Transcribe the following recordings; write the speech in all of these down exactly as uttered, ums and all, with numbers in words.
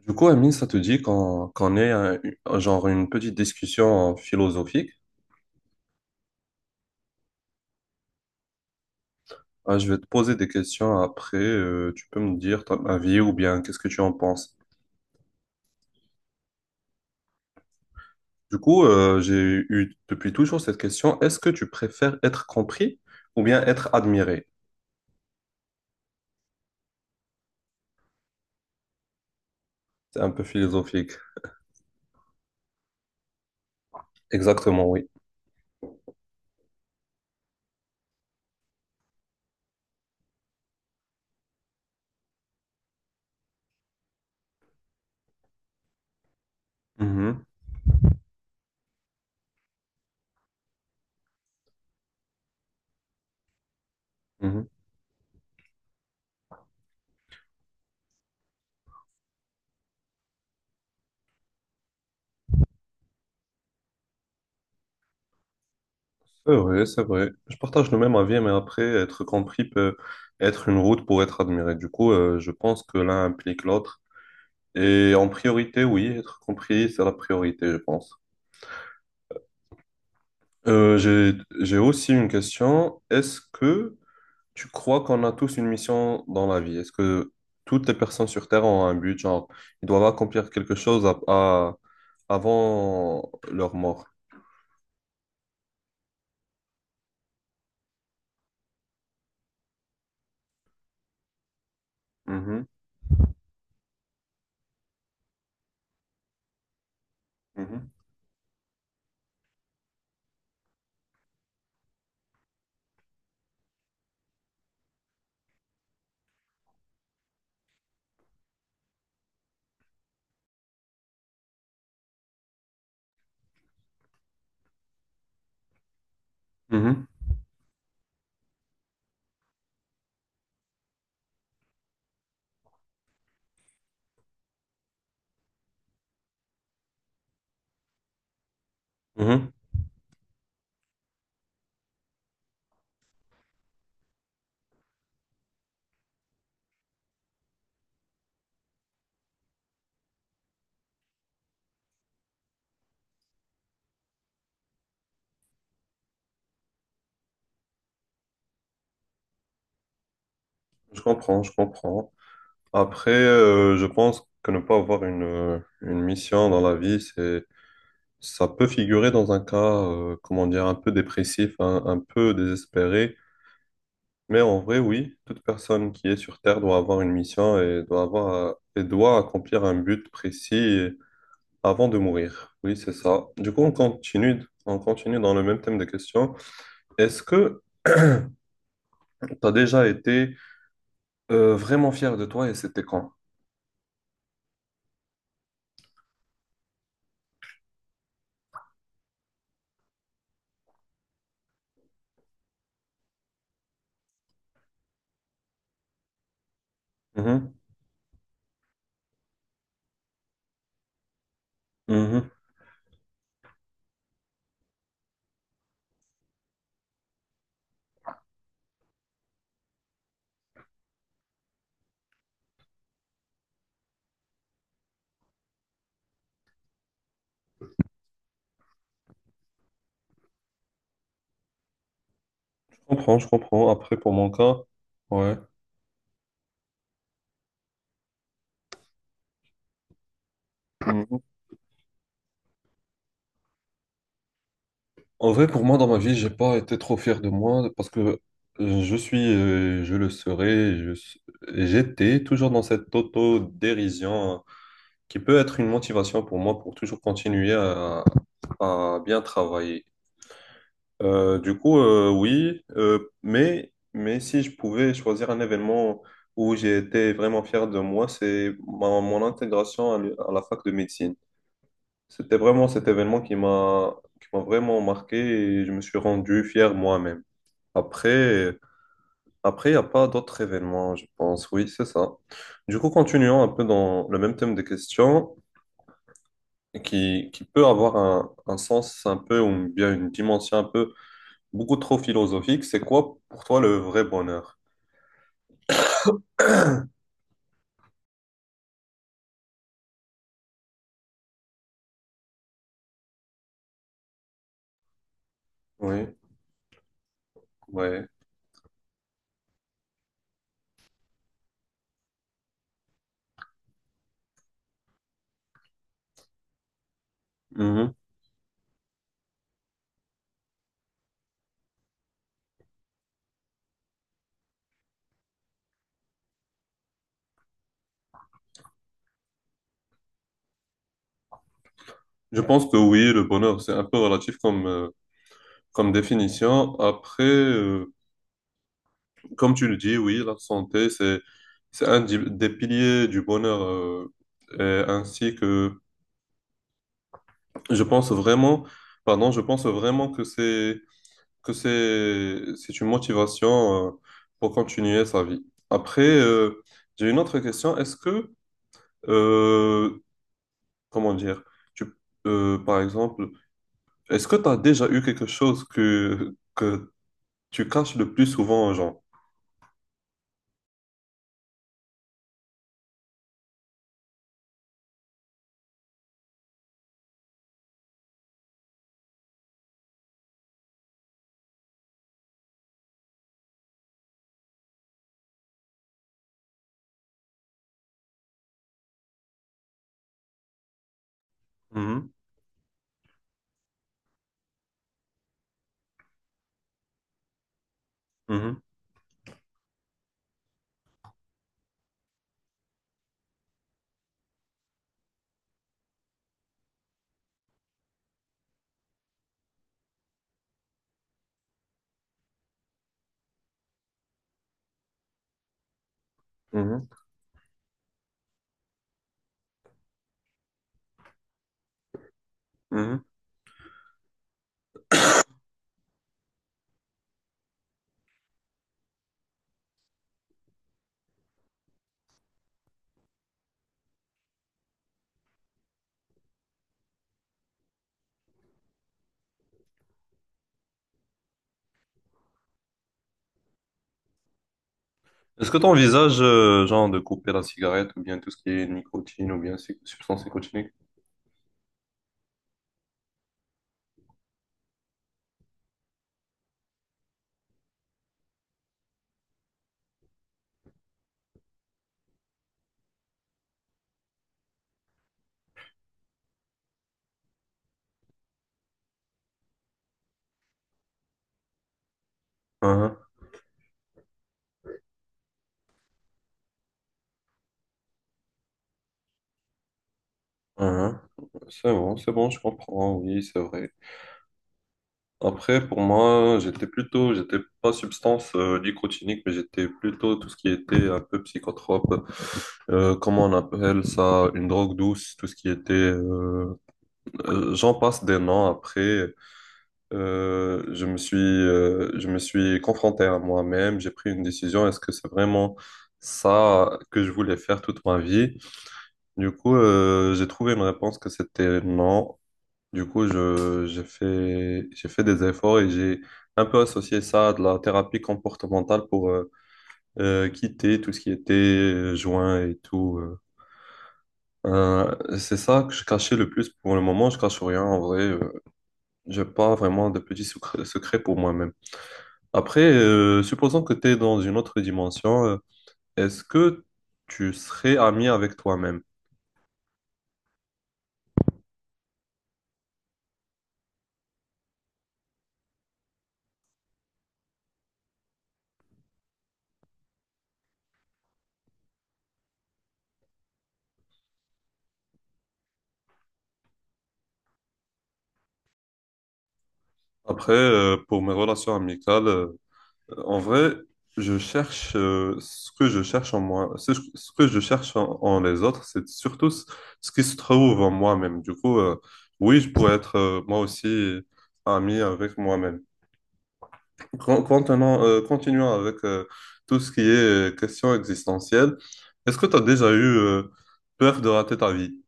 Du coup, Amine, ça te dit qu'on qu'on ait un- un- genre une petite discussion philosophique? Ah, je vais te poser des questions après. Euh, tu peux me dire ton avis ou bien qu'est-ce que tu en penses. Du coup, euh, j'ai eu depuis toujours cette question. Est-ce que tu préfères être compris ou bien être admiré? C'est un peu philosophique. Exactement, oui. Mhm, mhm. C'est vrai, c'est vrai. Je partage le même avis, mais après, être compris peut être une route pour être admiré. Du coup, euh, je pense que l'un implique l'autre. Et en priorité, oui, être compris, c'est la priorité, je pense. Euh, j'ai, j'ai aussi une question. Est-ce que tu crois qu'on a tous une mission dans la vie? Est-ce que toutes les personnes sur Terre ont un but, genre, ils doivent accomplir quelque chose à- à- avant leur mort? Mhm, mhm, mhm, mhm. Je comprends, je comprends. Après, euh, je pense que ne pas avoir une, une mission dans la vie, c'est... Ça peut figurer dans un cas, euh, comment dire, un peu dépressif, un, un peu désespéré, mais en vrai, oui, toute personne qui est sur Terre doit avoir une mission et doit avoir, euh, et doit accomplir un but précis avant de mourir. Oui, c'est ça. Du coup, on continue, on continue dans le même thème de questions. Est-ce que tu as déjà été euh, vraiment fier de toi et c'était quand? Mhm, mhm. Je comprends, je comprends. Après, pour mon cas, ouais. Mm. En vrai, pour moi, dans ma vie, j'ai pas été trop fier de moi parce que euh, je suis, euh, je le serai, je s- j'étais toujours dans cette auto-dérision, hein, qui peut être une motivation pour moi pour toujours continuer à, à bien travailler. Euh, du coup, euh, oui, euh, mais, mais si je pouvais choisir un événement où j'ai été vraiment fier de moi, c'est ma- mon intégration à l'u- à la fac de médecine. C'était vraiment cet événement qui m'a qui m'a vraiment marqué et je me suis rendu fier moi-même. Après, après, il n'y a pas d'autres événements, je pense. Oui, c'est ça. Du coup, continuons un peu dans le même thème de questions qui, qui peut avoir un, un sens un peu ou bien une dimension un peu beaucoup trop philosophique. C'est quoi pour toi le vrai bonheur? Oui, ouais. Mhm. Je pense que oui, le bonheur, c'est un peu relatif comme, euh, comme définition. Après, euh, comme tu le dis, oui, la santé, c'est, c'est un di- des piliers du bonheur, euh, et ainsi que je pense vraiment, pardon, je pense vraiment que c'est, que c'est, c'est une motivation, euh, pour continuer sa vie. Après, euh, j'ai une autre question. Est-ce que, euh, Comment dire, tu, euh, par exemple, est-ce que tu as déjà eu quelque chose que, que tu caches le plus souvent aux gens? Mhm, mhm, mhm, mhm. Est-ce que tu envisages, genre, de couper la cigarette ou bien tout ce qui est nicotine ou bien ces substances nicotiniques? Hein, hein. C'est bon, c'est bon, je comprends, oui, c'est vrai. Après, pour moi, j'étais plutôt, j'étais pas substance euh, nicotinique, mais j'étais plutôt tout ce qui était un peu psychotrope, euh, comment on appelle ça, une drogue douce, tout ce qui était... euh, euh, j'en passe des noms après. Euh, je me suis, euh, je me suis confronté à moi-même, j'ai pris une décision. Est-ce que c'est vraiment ça que je voulais faire toute ma vie? Du coup, euh, j'ai trouvé une réponse que c'était non. Du coup, je, j'ai fait, j'ai fait des efforts et j'ai un peu associé ça à de la thérapie comportementale pour euh, euh, quitter tout ce qui était euh, joint et tout. euh. Euh, c'est ça que je cachais le plus. Pour le moment, je cache rien en vrai, euh, j'ai pas vraiment de petits secrets secrets pour moi-même. Après, euh, supposons que tu es dans une autre dimension, euh, est-ce que tu serais ami avec toi-même? Après, euh, pour mes relations amicales, euh, en vrai, je cherche euh, ce que je cherche en moi, ce, ce que je cherche en, en les autres, c'est surtout ce, ce qui se trouve en moi-même. Du coup, euh, oui, je pourrais être euh, moi aussi ami avec moi-même. Con- Contenant, euh, continuons avec euh, tout ce qui est euh, question existentielle. Est-ce que tu as déjà eu euh, peur de rater ta vie?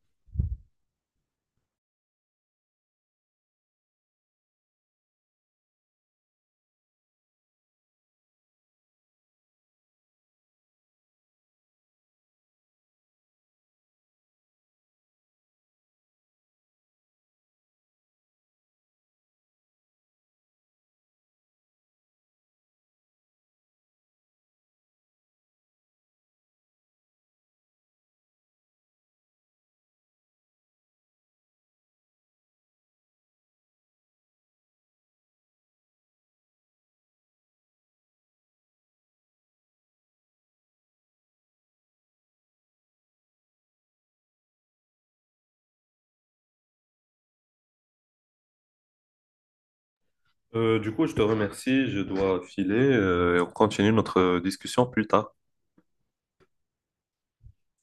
Euh, du coup, je te remercie, je dois filer euh, et on continue notre discussion plus tard.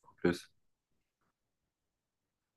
En plus.